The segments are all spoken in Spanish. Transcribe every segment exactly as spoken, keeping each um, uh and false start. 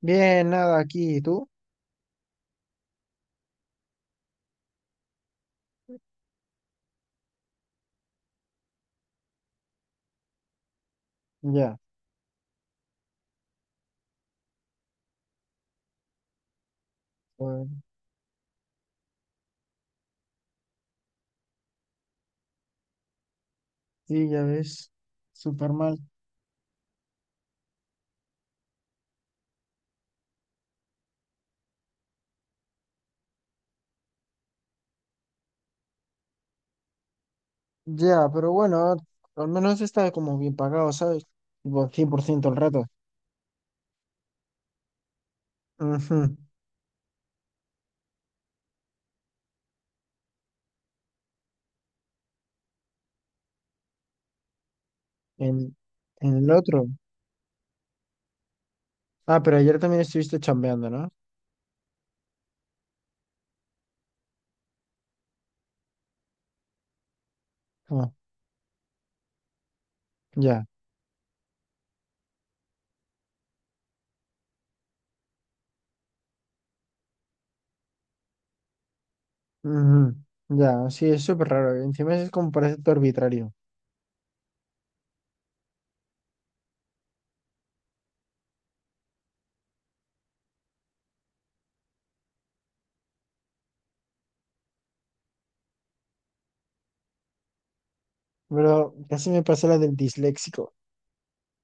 Bien, nada, aquí, ¿y tú? Ya, pues, sí, ya ves, súper mal. Ya, pero bueno, al menos está como bien pagado, ¿sabes? Tipo, cien por ciento el rato. Ujú. En, en el otro. Ah, pero ayer también estuviste chambeando, ¿no? Ah, ya. Ujú. Ya, sí, es súper raro. Y encima es como parece todo arbitrario. Pero casi me pasó la del disléxico.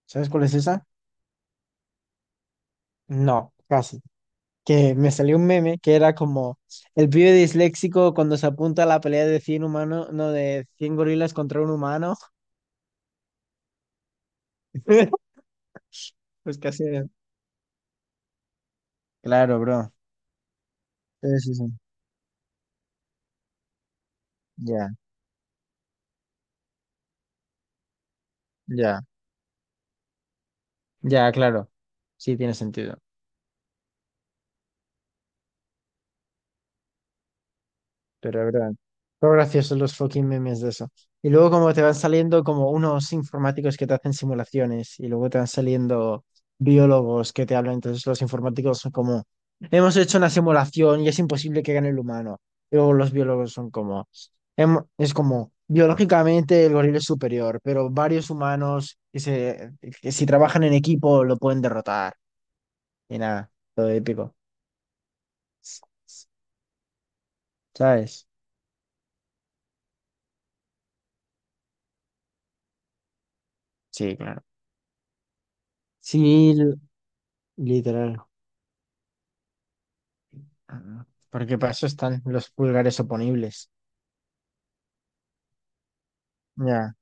¿Sabes cuál es esa? No, casi. Que me salió un meme que era como el pibe disléxico cuando se apunta a la pelea de cien humanos, no, de cien gorilas contra un humano. Pues casi. Claro, bro. Sí, sí, sí. Ya, ya, ya, claro. Sí, tiene sentido. Pero es verdad. Son graciosos los fucking memes de eso. Y luego como te van saliendo como unos informáticos que te hacen simulaciones y luego te van saliendo biólogos que te hablan. Entonces los informáticos son como, hemos hecho una simulación y es imposible que gane el humano. Y luego los biólogos son como, "Hem- es como, biológicamente el gorila es superior, pero varios humanos que, se, que si trabajan en equipo lo pueden derrotar. Y nada, todo épico. ¿Sabes? Sí, claro. Sí, literal. Ah, porque para eso están los pulgares oponibles. Ya,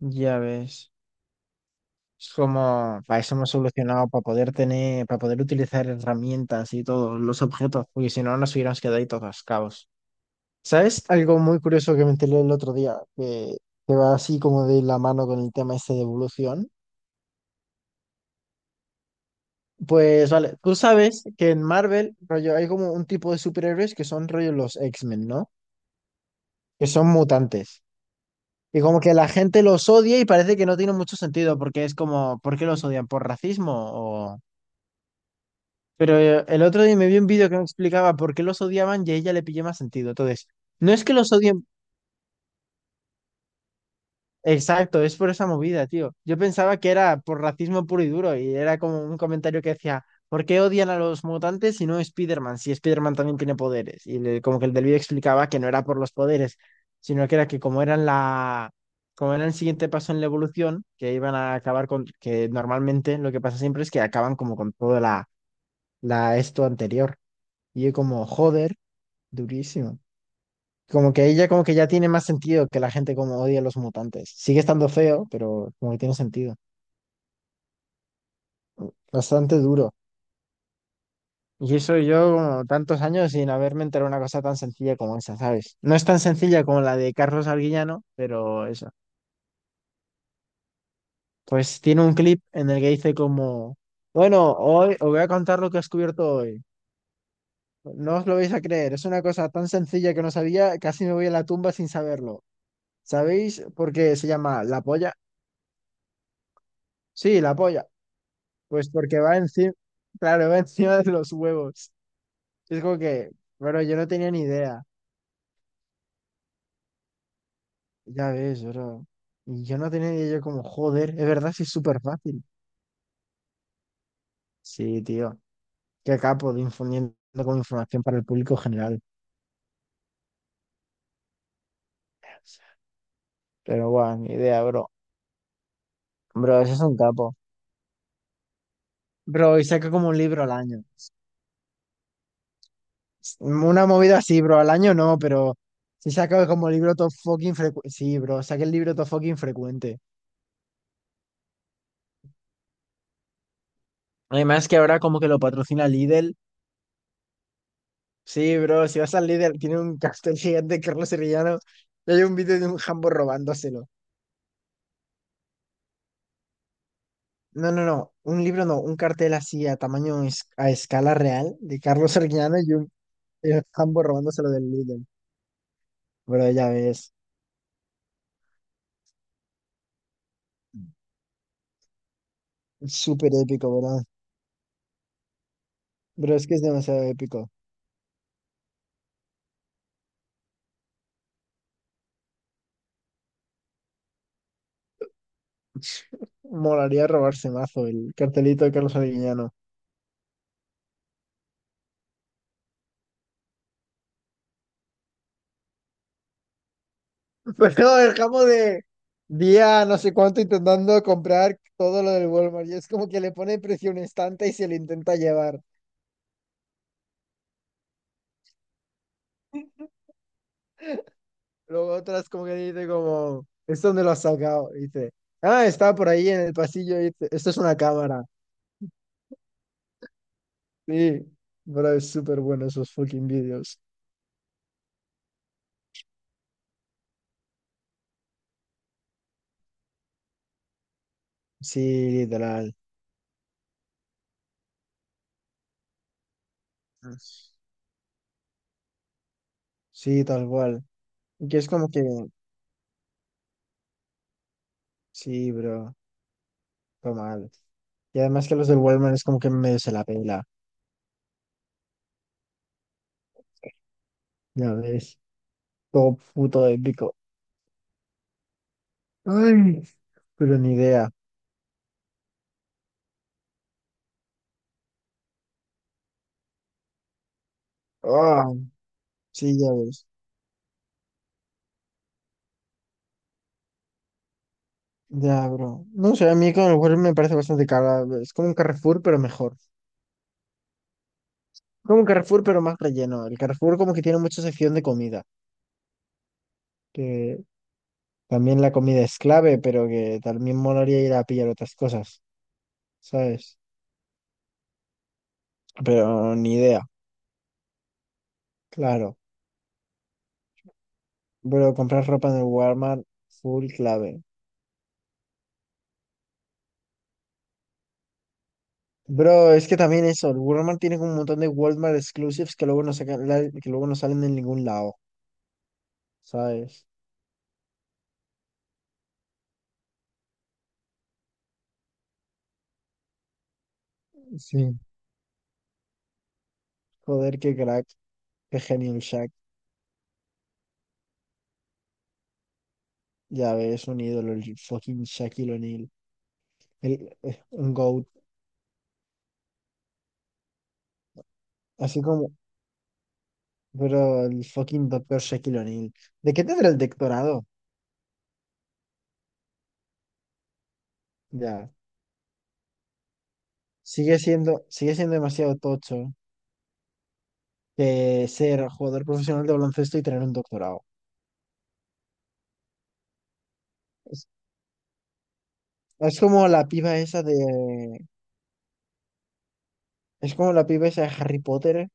ya ves. Es como, para eso hemos solucionado, para poder tener, para poder utilizar herramientas y todos los objetos, porque si no nos hubiéramos quedado ahí todos cabos. ¿Sabes algo muy curioso que me enteré el otro día, que, que va así como de la mano con el tema este de evolución? Pues vale, tú sabes que en Marvel, rollo, hay como un tipo de superhéroes que son rollo los X-Men, ¿no? Que son mutantes. Y como que la gente los odia y parece que no tiene mucho sentido, porque es como, ¿por qué los odian? ¿Por racismo? O... Pero eh, el otro día me vi un vídeo que me explicaba por qué los odiaban y a ella le pillé más sentido. Entonces, no es que los odien. Exacto, es por esa movida, tío. Yo pensaba que era por racismo puro y duro y era como un comentario que decía, ¿por qué odian a los mutantes y no a Spider-Man? Si Spider-Man también tiene poderes. Y le- como que el del vídeo explicaba que no era por los poderes, sino que era que como eran la, como era el siguiente paso en la evolución, que iban a acabar con, que normalmente lo que pasa siempre es que acaban como con toda la, la, esto anterior. Y yo como, joder, durísimo. Como que ella como que ya tiene más sentido que la gente como odia a los mutantes. Sigue estando feo, pero como que tiene sentido. Bastante duro. Y eso yo como tantos años sin haberme enterado de una cosa tan sencilla como esa, ¿sabes? No es tan sencilla como la de Carlos Arguillano, pero eso. Pues tiene un clip en el que dice como, bueno, hoy os voy a contar lo que he descubierto hoy. No os lo vais a creer, es una cosa tan sencilla que no sabía, casi me voy a la tumba sin saberlo. ¿Sabéis por qué se llama la polla? Sí, la polla. Pues porque va encima, claro, va encima de los huevos. Es como que, bueno, yo no tenía ni idea. Ya ves, bro. Y yo no tenía ni idea, yo como, joder, es verdad, sí es súper fácil. Sí, tío. Qué capo de infundiendo con información para el público general. Pero guau, ni idea, bro. Bro, ese es un capo. Bro, y saca como un libro al año. Una movida así, bro, al año no, pero si saca como libro top fucking frecuente. Sí, bro, saca el libro top fucking frecuente. Además que ahora como que lo patrocina Lidl. Sí, bro, si vas al líder, tiene un cartel gigante de Carlos Sevillano y hay un vídeo de un jambo robándoselo. No, no, no, un libro no, un cartel así a tamaño, es- a escala real de Carlos Sevillano y un, y un jambo robándoselo del líder. Bro, ya ves, súper épico, bro. Bro, es que es demasiado épico. Molaría robarse mazo el cartelito de Carlos Sevillano. Pero no, el jambo de día no sé cuánto intentando comprar todo lo del Walmart y es como que le pone precio a un estante y se lo intenta llevar. Luego otras como que dice como, ¿esto dónde lo has sacado? Y dice, ah, estaba por ahí en el pasillo. Y dice, esto es una cámara. Sí, pero es súper bueno esos fucking vídeos. Sí, literal. Sí, tal cual. Y que es como que, sí, bro, fue mal. Y además que los del Walmart es como que medio se la pela, ya ves, todo puto épico. Ay, pero ni idea. Ah, sí, ya ves. Ya, bro. No sé, a mí con el Walmart me parece bastante cara. Es como un Carrefour, pero mejor. Como un Carrefour, pero más relleno. El Carrefour como que tiene mucha sección de comida, que también la comida es clave, pero que también molaría ir a pillar otras cosas, ¿sabes? Pero ni idea, claro. Bro, comprar ropa en el Walmart, full clave. Bro, es que también eso, el Walmart tiene como un montón de Walmart exclusives que luego no sacan, la- que luego no salen en ningún lado, ¿sabes? Sí. Joder, qué crack, qué genio el Shaq. Ya ves, un ídolo, el fucking Shaquille O'Neal. El, eh, un GOAT. Así como, bro, el fucking doctor Shaquille O'Neal. ¿De qué tendrá el doctorado? Ya. Sigue siendo, sigue siendo demasiado tocho que ser jugador profesional de baloncesto y tener un doctorado. Es, es como la piba esa de. Es como la piba esa de Harry Potter,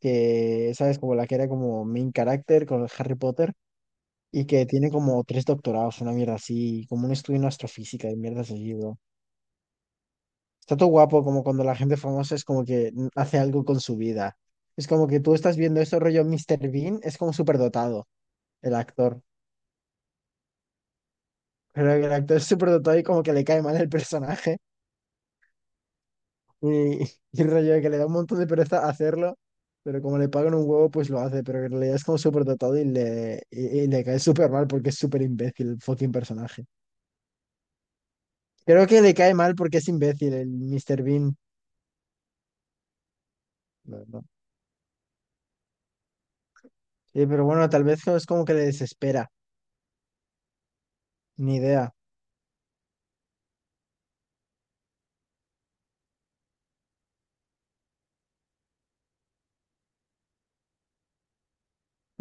que, ¿sabes? Como la que era como main character con Harry Potter y que tiene como tres doctorados, una mierda así, como un estudio en astrofísica y mierdas así, bro. Está todo guapo como cuando la gente famosa es como que hace algo con su vida. Es como que tú estás viendo esto rollo mister Bean, es como superdotado el actor. Pero el actor es superdotado y como que le cae mal el personaje. Y, y el rollo de que le da un montón de pereza hacerlo, pero como le pagan un huevo, pues lo hace. Pero en realidad es como superdotado y le, y, y le cae súper mal porque es súper imbécil el fucking personaje. Creo que le cae mal porque es imbécil el mister Bean. No, no. Sí, pero bueno, tal vez es como que le desespera. Ni idea.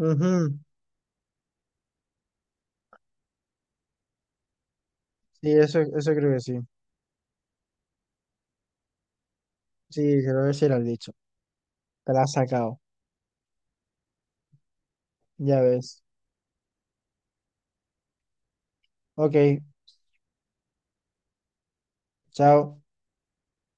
Ujú. Sí, eso, eso creo que sí. Sí, creo que sí era el dicho. Te la has sacado. Ya ves. Ok, chao.